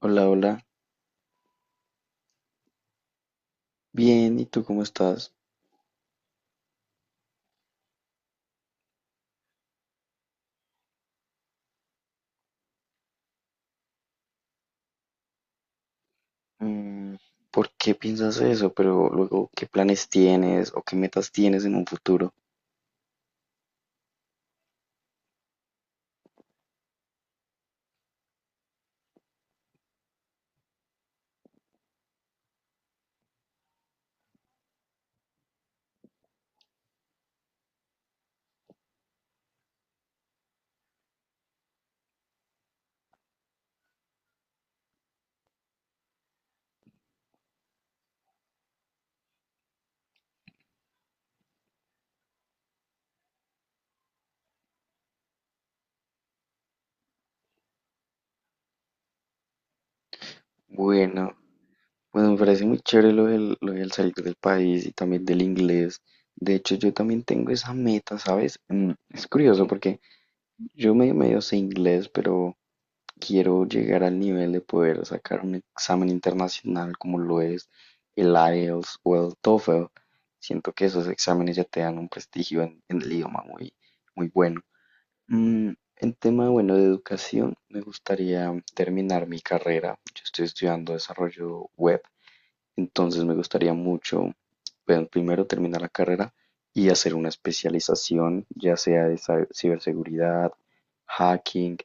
Hola, hola. Bien, ¿y tú cómo estás? Mm, ¿Por qué piensas eso? Pero luego, ¿qué planes tienes o qué metas tienes en un futuro? Bueno, bueno, me parece muy chévere lo del salir del país y también del inglés. De hecho, yo también tengo esa meta, ¿sabes? Mm, es curioso porque yo medio sé inglés, pero quiero llegar al nivel de poder sacar un examen internacional como lo es el IELTS o el TOEFL. Siento que esos exámenes ya te dan un prestigio en el idioma muy, muy bueno. En tema, bueno, de educación, me gustaría terminar mi carrera. Yo estoy estudiando desarrollo web, entonces me gustaría mucho, bueno, primero terminar la carrera y hacer una especialización, ya sea de ciberseguridad, hacking,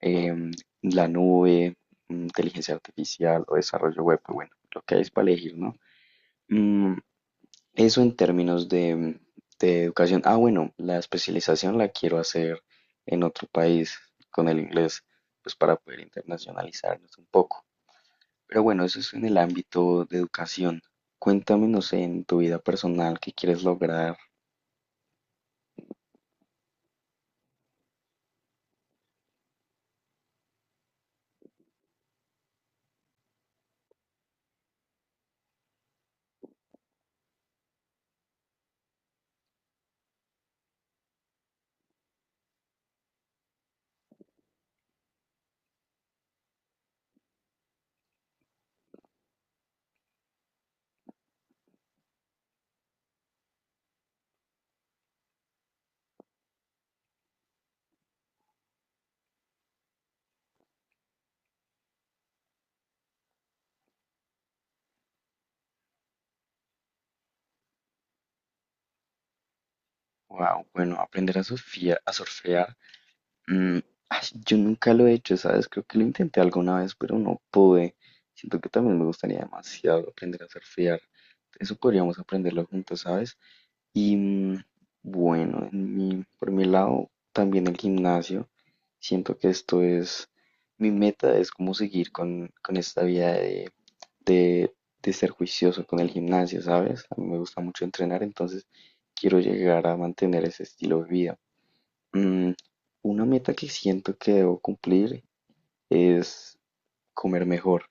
em, la nube, inteligencia artificial o desarrollo web, pues bueno, lo que hay es para elegir, ¿no? Mm, Eso en términos de, de educación. Ah, bueno, la especialización la quiero hacer en otro país con el inglés, pues para poder internacionalizarnos un poco. Pero bueno, eso es en el ámbito de educación. Cuéntame, no sé, en tu vida personal, ¿qué quieres lograr? Wow, bueno, aprender a surfear, a surfear. Mm, Ay, yo nunca lo he hecho, ¿sabes? Creo que lo intenté alguna vez, pero no pude. Siento que también me gustaría demasiado aprender a surfear. Eso podríamos aprenderlo juntos, ¿sabes? Y bueno, en por mi lado, también el gimnasio. Siento que esto es, mi meta es como seguir con esta vida de, de ser juicioso con el gimnasio, ¿sabes? A mí me gusta mucho entrenar, entonces quiero llegar a mantener ese estilo de vida. Mm, una meta que siento que debo cumplir es comer mejor.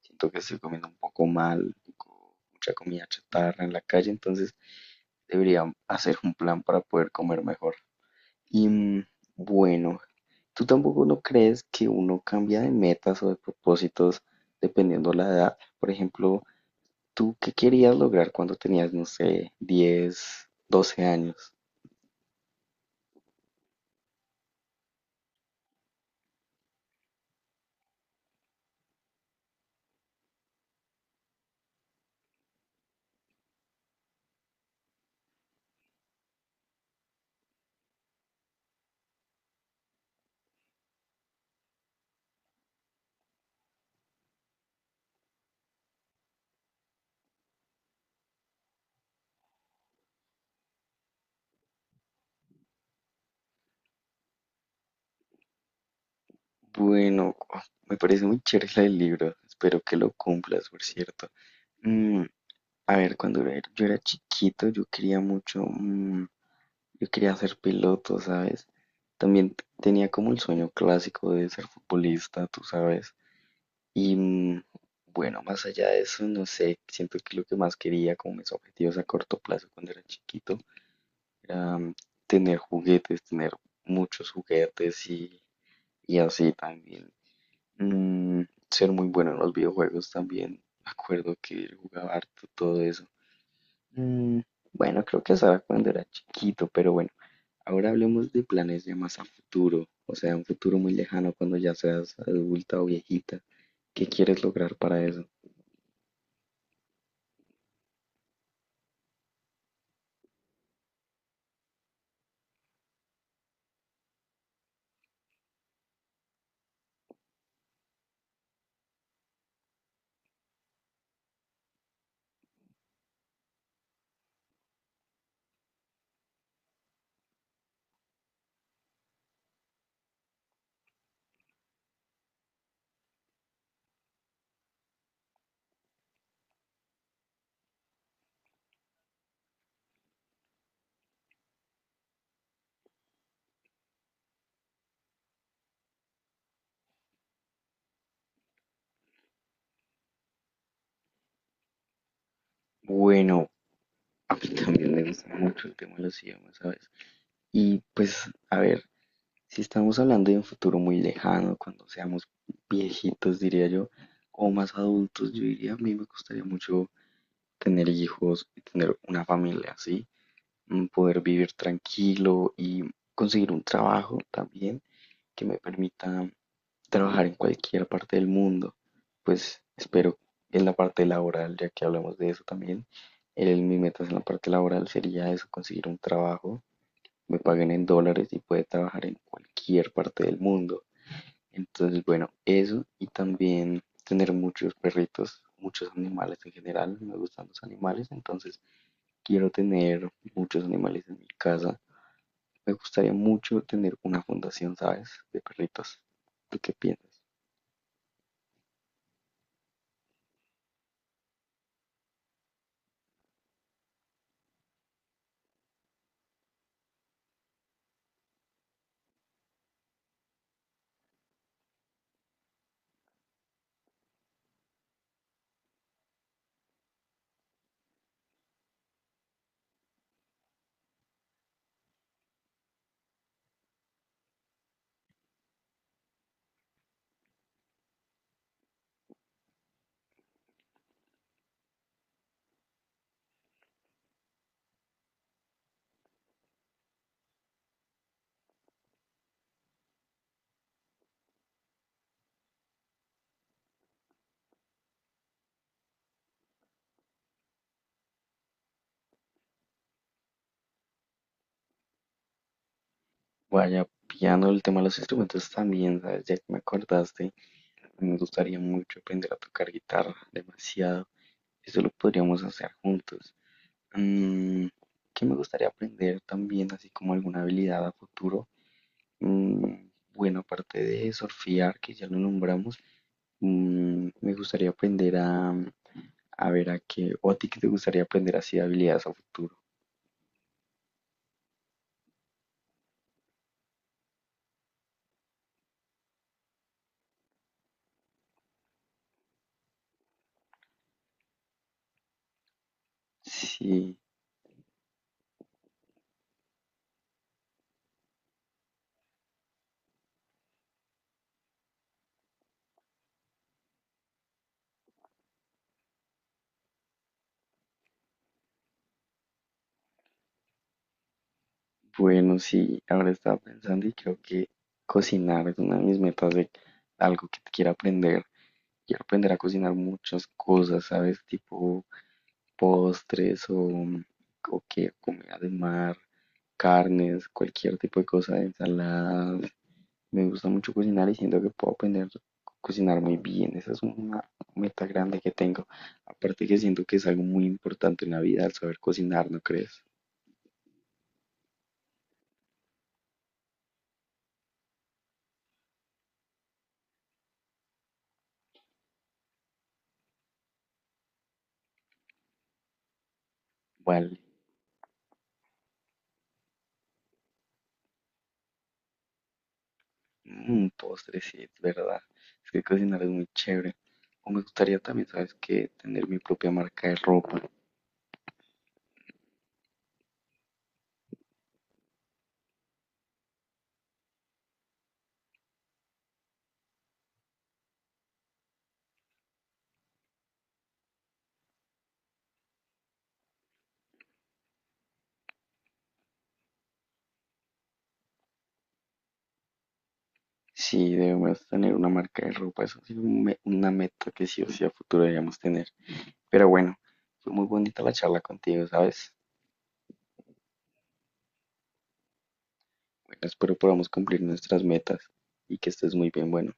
Siento que estoy comiendo un poco mal, mucha comida chatarra en la calle, entonces debería hacer un plan para poder comer mejor. Y bueno, ¿tú tampoco no crees que uno cambia de metas o de propósitos dependiendo la edad? Por ejemplo, ¿tú qué querías lograr cuando tenías, no sé, 10 12 años? Bueno, oh, me parece muy chévere la del libro. Espero que lo cumplas, por cierto. Mm, a ver, yo era chiquito, yo quería mucho, yo quería ser piloto, ¿sabes? También tenía como el sueño clásico de ser futbolista, tú sabes. Y bueno, más allá de eso, no sé, siento que lo que más quería, como mis objetivos a corto plazo cuando era chiquito, era tener juguetes, tener muchos juguetes y así también. Mm, Ser muy bueno en los videojuegos también. Me acuerdo que yo jugaba harto todo eso. Mm, bueno, creo que eso era cuando era chiquito, pero bueno. Ahora hablemos de planes ya más a futuro, o sea, un futuro muy lejano cuando ya seas adulta o viejita. ¿Qué quieres lograr para eso? Bueno, a mí también me gusta mucho el tema de los idiomas, ¿sabes? Y pues, a ver, si estamos hablando de un futuro muy lejano, cuando seamos viejitos, diría yo, o más adultos, yo diría, a mí me gustaría mucho tener hijos, tener una familia, ¿sí? Mm, poder vivir tranquilo y conseguir un trabajo también que me permita trabajar en cualquier parte del mundo. Pues espero en la parte laboral, ya que hablamos de eso también, el, mi meta en la parte laboral sería eso, conseguir un trabajo, me paguen en dólares y poder trabajar en cualquier parte del mundo. Entonces, bueno, eso y también tener muchos perritos, muchos animales en general, me gustan los animales, entonces quiero tener muchos animales en mi casa. Me gustaría mucho tener una fundación, ¿sabes? De perritos. ¿Tú qué piensas? Vaya, pillando el tema de los instrumentos también, ¿sabes? Ya que me acordaste, me gustaría mucho aprender a tocar guitarra, demasiado. Eso lo podríamos hacer juntos. Mm, ¿Qué me gustaría aprender también, así como alguna habilidad a futuro? Mm, bueno, aparte de surfear, que ya lo nombramos, me gustaría aprender a ver, ¿a qué? ¿O a ti qué te gustaría aprender así de habilidades a futuro? Sí, bueno, sí, ahora estaba pensando y creo que cocinar es una de mis metas de algo que quiero aprender. Quiero aprender a cocinar muchas cosas, ¿sabes? Tipo postres o qué, comida de mar, carnes, cualquier tipo de cosa, ensaladas, me gusta mucho cocinar y siento que puedo aprender a cocinar muy bien. Esa es una meta grande que tengo. Aparte que siento que es algo muy importante en la vida el saber cocinar, ¿no crees? Vale, un postre, sí, es verdad. Es que cocinar es muy chévere. O me gustaría también, ¿sabes qué? Tener mi propia marca de ropa. Sí, debemos tener una marca de ropa. Eso es una meta que sí o sí a futuro deberíamos tener. Pero bueno, fue muy bonita la charla contigo, ¿sabes? Bueno, espero podamos cumplir nuestras metas y que estés muy bien. Bueno.